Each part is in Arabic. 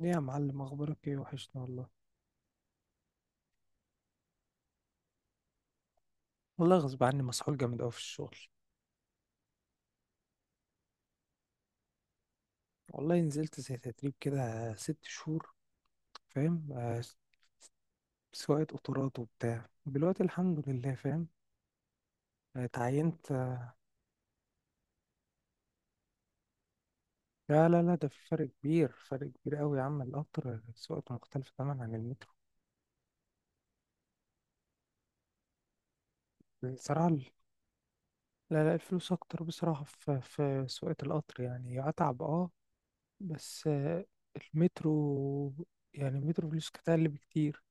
ليه يا معلم، اخبارك ايه؟ وحشنا والله. والله غصب عني، مسحول جامد قوي في الشغل. والله نزلت زي تدريب كده 6 شهور. فاهم آه، سواقة قطارات وبتاع دلوقتي، الحمد لله. فاهم آه، اتعينت آه، لا لا لا، ده في فرق كبير، فرق كبير قوي يا عم. القطر سواقته مختلفة تماما عن المترو. بصراحة لا لا، الفلوس اكتر بصراحة في سواقة القطر، يعني اتعب اه. بس المترو. يعني المترو فلوس كتير بكتير.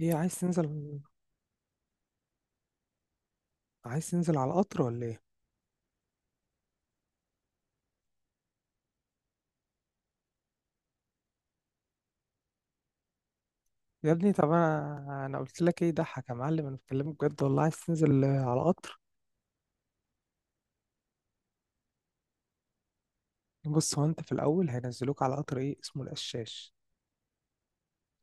هي عايز تنزل؟ عايز تنزل على القطر ولا ايه؟ يا ابني طب انا قلت لك ايه ضحك يا معلم؟ انا بكلمك بجد والله، عايز تنزل على قطر. بص، هو انت في الاول هينزلوك على قطر ايه اسمه؟ القشاش.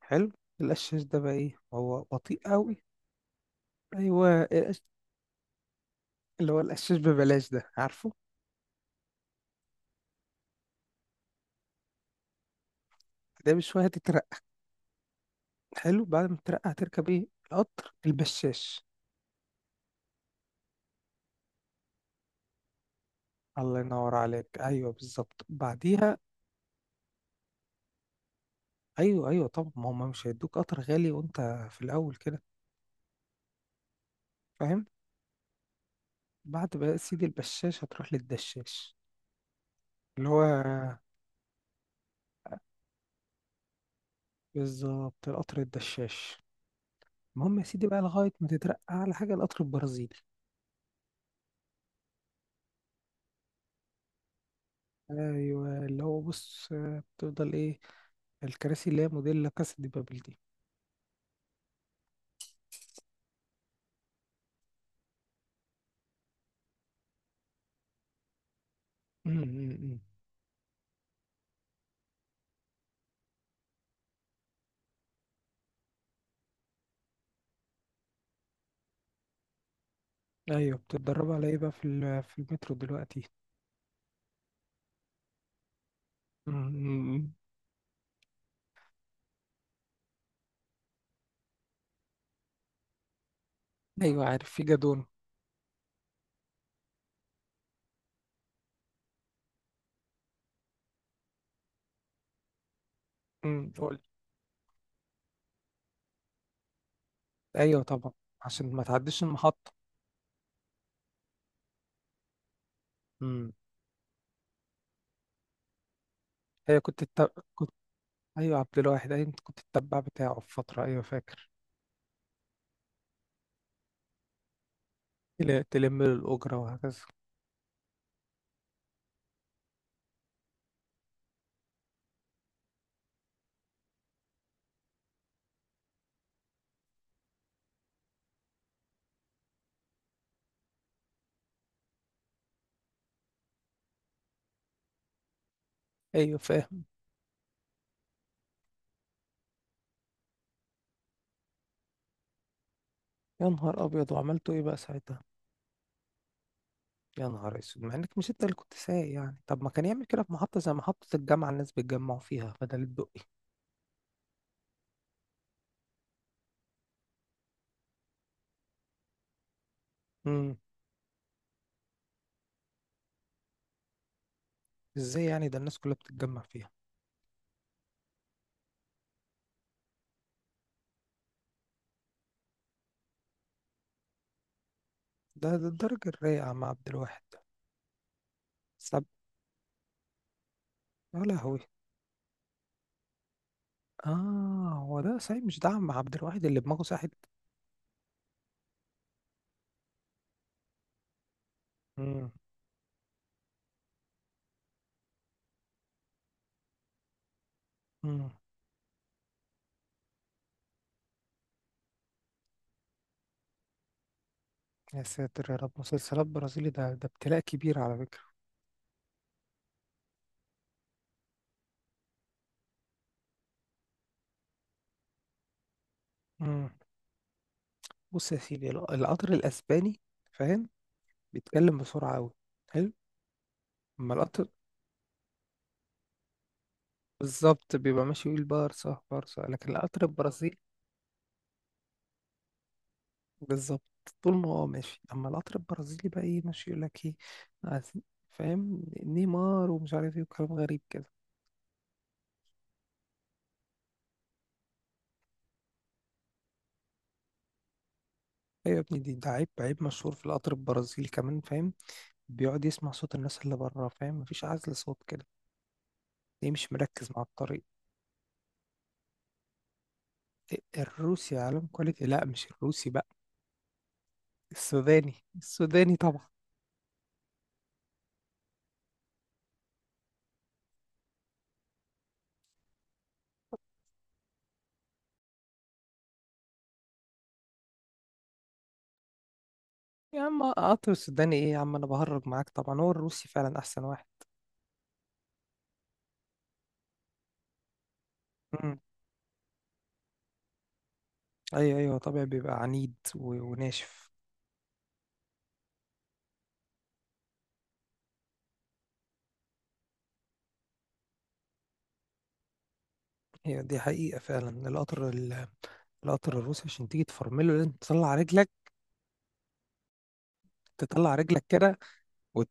حلو. القشاش ده بقى ايه؟ هو بطيء قوي. ايوه، اللي هو القشاش ببلاش، ده عارفه. ده بشويه هتترقى. حلو. بعد ما تترقى هتركب ايه؟ القطر البشاش. الله ينور عليك، ايوه بالظبط، بعديها. ايوه ايوه، طب ما هم مش هيدوك قطر غالي وانت في الاول كده، فاهم؟ بعد بقى سيدي البشاش هتروح للدشاش، اللي هو بالظبط القطر الدشاش. المهم يا سيدي بقى، لغاية ما تترقى على حاجة القطر البرازيلي. أيوة اللي هو، بص بتفضل إيه؟ الكراسي اللي هي موديل لا كاسا دي بابل دي. م- م- م. أيوة، بتتدربوا على إيه بقى في المترو دلوقتي؟ م- م- م. أيوة، عارف في جادون. قول. أيوة طبعا، عشان ما تعديش المحطة. م. أيوة كنت، أيوة عبد الواحد، أيوة كنت التبع بتاعه في فترة، أيوة فاكر. تلم له الأجرة وهكذا. أيوة فاهم. يا نهار أبيض، وعملتوا إيه بقى ساعتها؟ يا نهار أسود، مع إنك مش أنت اللي كنت سايق يعني. طب ما كان يعمل كده في محطة زي محطة الجامعة، الناس بيتجمعوا فيها بدل الدقي. امم إزاي يعني؟ ده الناس كلها بتتجمع فيها. ده الدرجة الرايقة مع عبد الواحد ده؟ سب. يا لهوي. آه، هو ده صحيح؟ مش ده عم عبد الواحد اللي دماغه ساحت. امم امم يا ساتر يا رب، مسلسلات برازيلي، ده ابتلاء كبير على فكرة. امم بص يا سيدي، القطر الأسباني، فاهم؟ بيتكلم بسرعة أوي. حلو. أما القطر، بالظبط، بيبقى ماشي يقول بارصة بارصة. لكن القطر البرازيلي، بالظبط، طول ما هو ماشي. أما القطر البرازيلي بقى، إيه ماشي يقول لك إيه؟ عايز- فاهم، نيمار ومش عارف إيه وكلام غريب كده. أيوة يا ابني، ده عيب عيب مشهور في القطر البرازيلي كمان، فاهم؟ بيقعد يسمع صوت الناس اللي بره، فاهم مفيش عزل صوت كده. ليه مش مركز مع الطريق؟ إيه؟ الروسي عالم كواليتي؟ لا، مش الروسي بقى، السوداني، السوداني طبعا. يا عم قطر السوداني ايه يا عم، انا بهرج معاك طبعا. هو الروسي فعلا احسن واحد. امم ايوه ايوه طبيعي، بيبقى عنيد وناشف. هي دي حقيقة فعلا. القطر الروسي عشان تيجي تفرمله لازم تطلع رجلك، تطلع رجلك كده، وت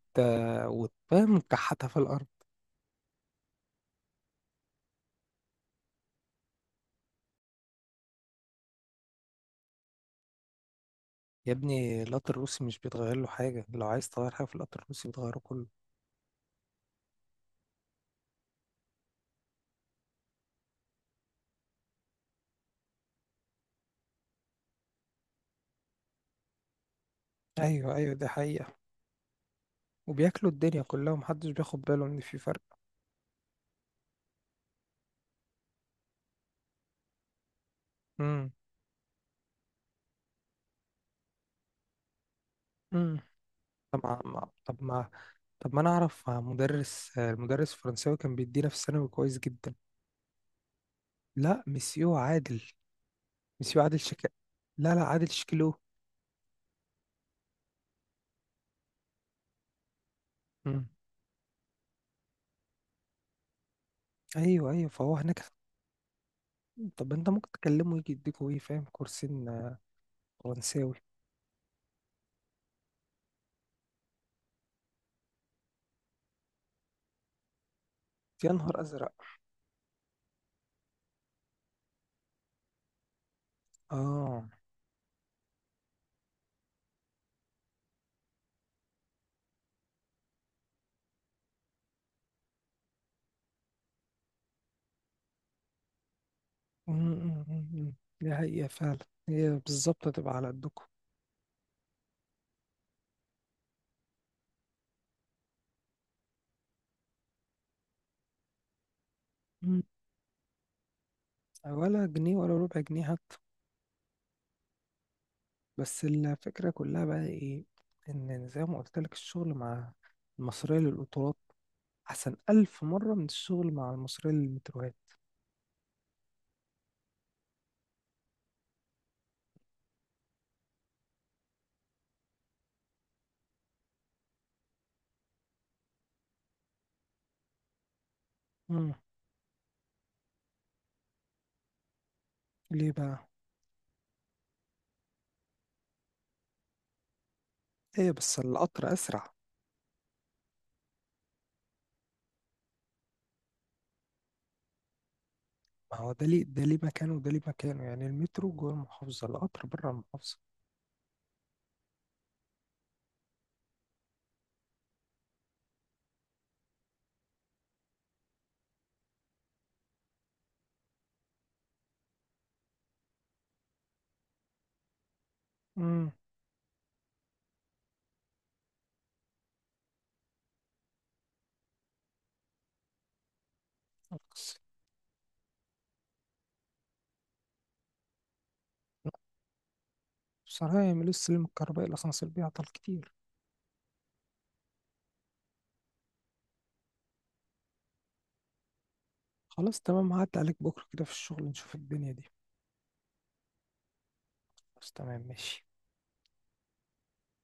وتفهم كحتها في الارض. يا ابني القطر الروسي مش بيتغير له حاجة. لو عايز تغير حاجة في القطر الروسي بتغيره كله. ايوه ايوه دي حقيقة. وبياكلوا الدنيا كلها ومحدش بياخد باله ان في فرق. امم امم طب ما ما- طب ما طب ما انا اعرف مدرس المدرس الفرنساوي كان بيدينا في الثانوي كويس جدا. لا، مسيو عادل. مسيو عادل شكا. لا لا، عادل شكلو. مم. ايوه ايوه، فهو هناك. طب انت ممكن تكلمه يجي يديكوا ايه؟ فاهم، كورسين فرنساوي. يا نهار ازرق. اه. مم، مم، مم، مم. دي حقيقة فعلا. هي بالظبط هتبقى على قدكم. مم. ولا جنيه ولا ربع جنيه حتى. بس الفكرة كلها بقى ايه؟ ان زي ما قلت لك، الشغل مع المصرية للقطارات أحسن 1000 مرة من الشغل مع المصريين للمتروهات. مم. ليه بقى؟ هي بس القطر أسرع. ما هو ده ليه؟ ده ليه مكانه وده ليه مكانه، يعني المترو جوه المحافظة، القطر بره المحافظة. مم. بس- بصراحة يعملوا السلم الكهربائي، الأسانسير بيعطل كتير. خلاص تمام، هعدي عليك بكرة كده في الشغل، نشوف الدنيا دي. بس تمام ماشي.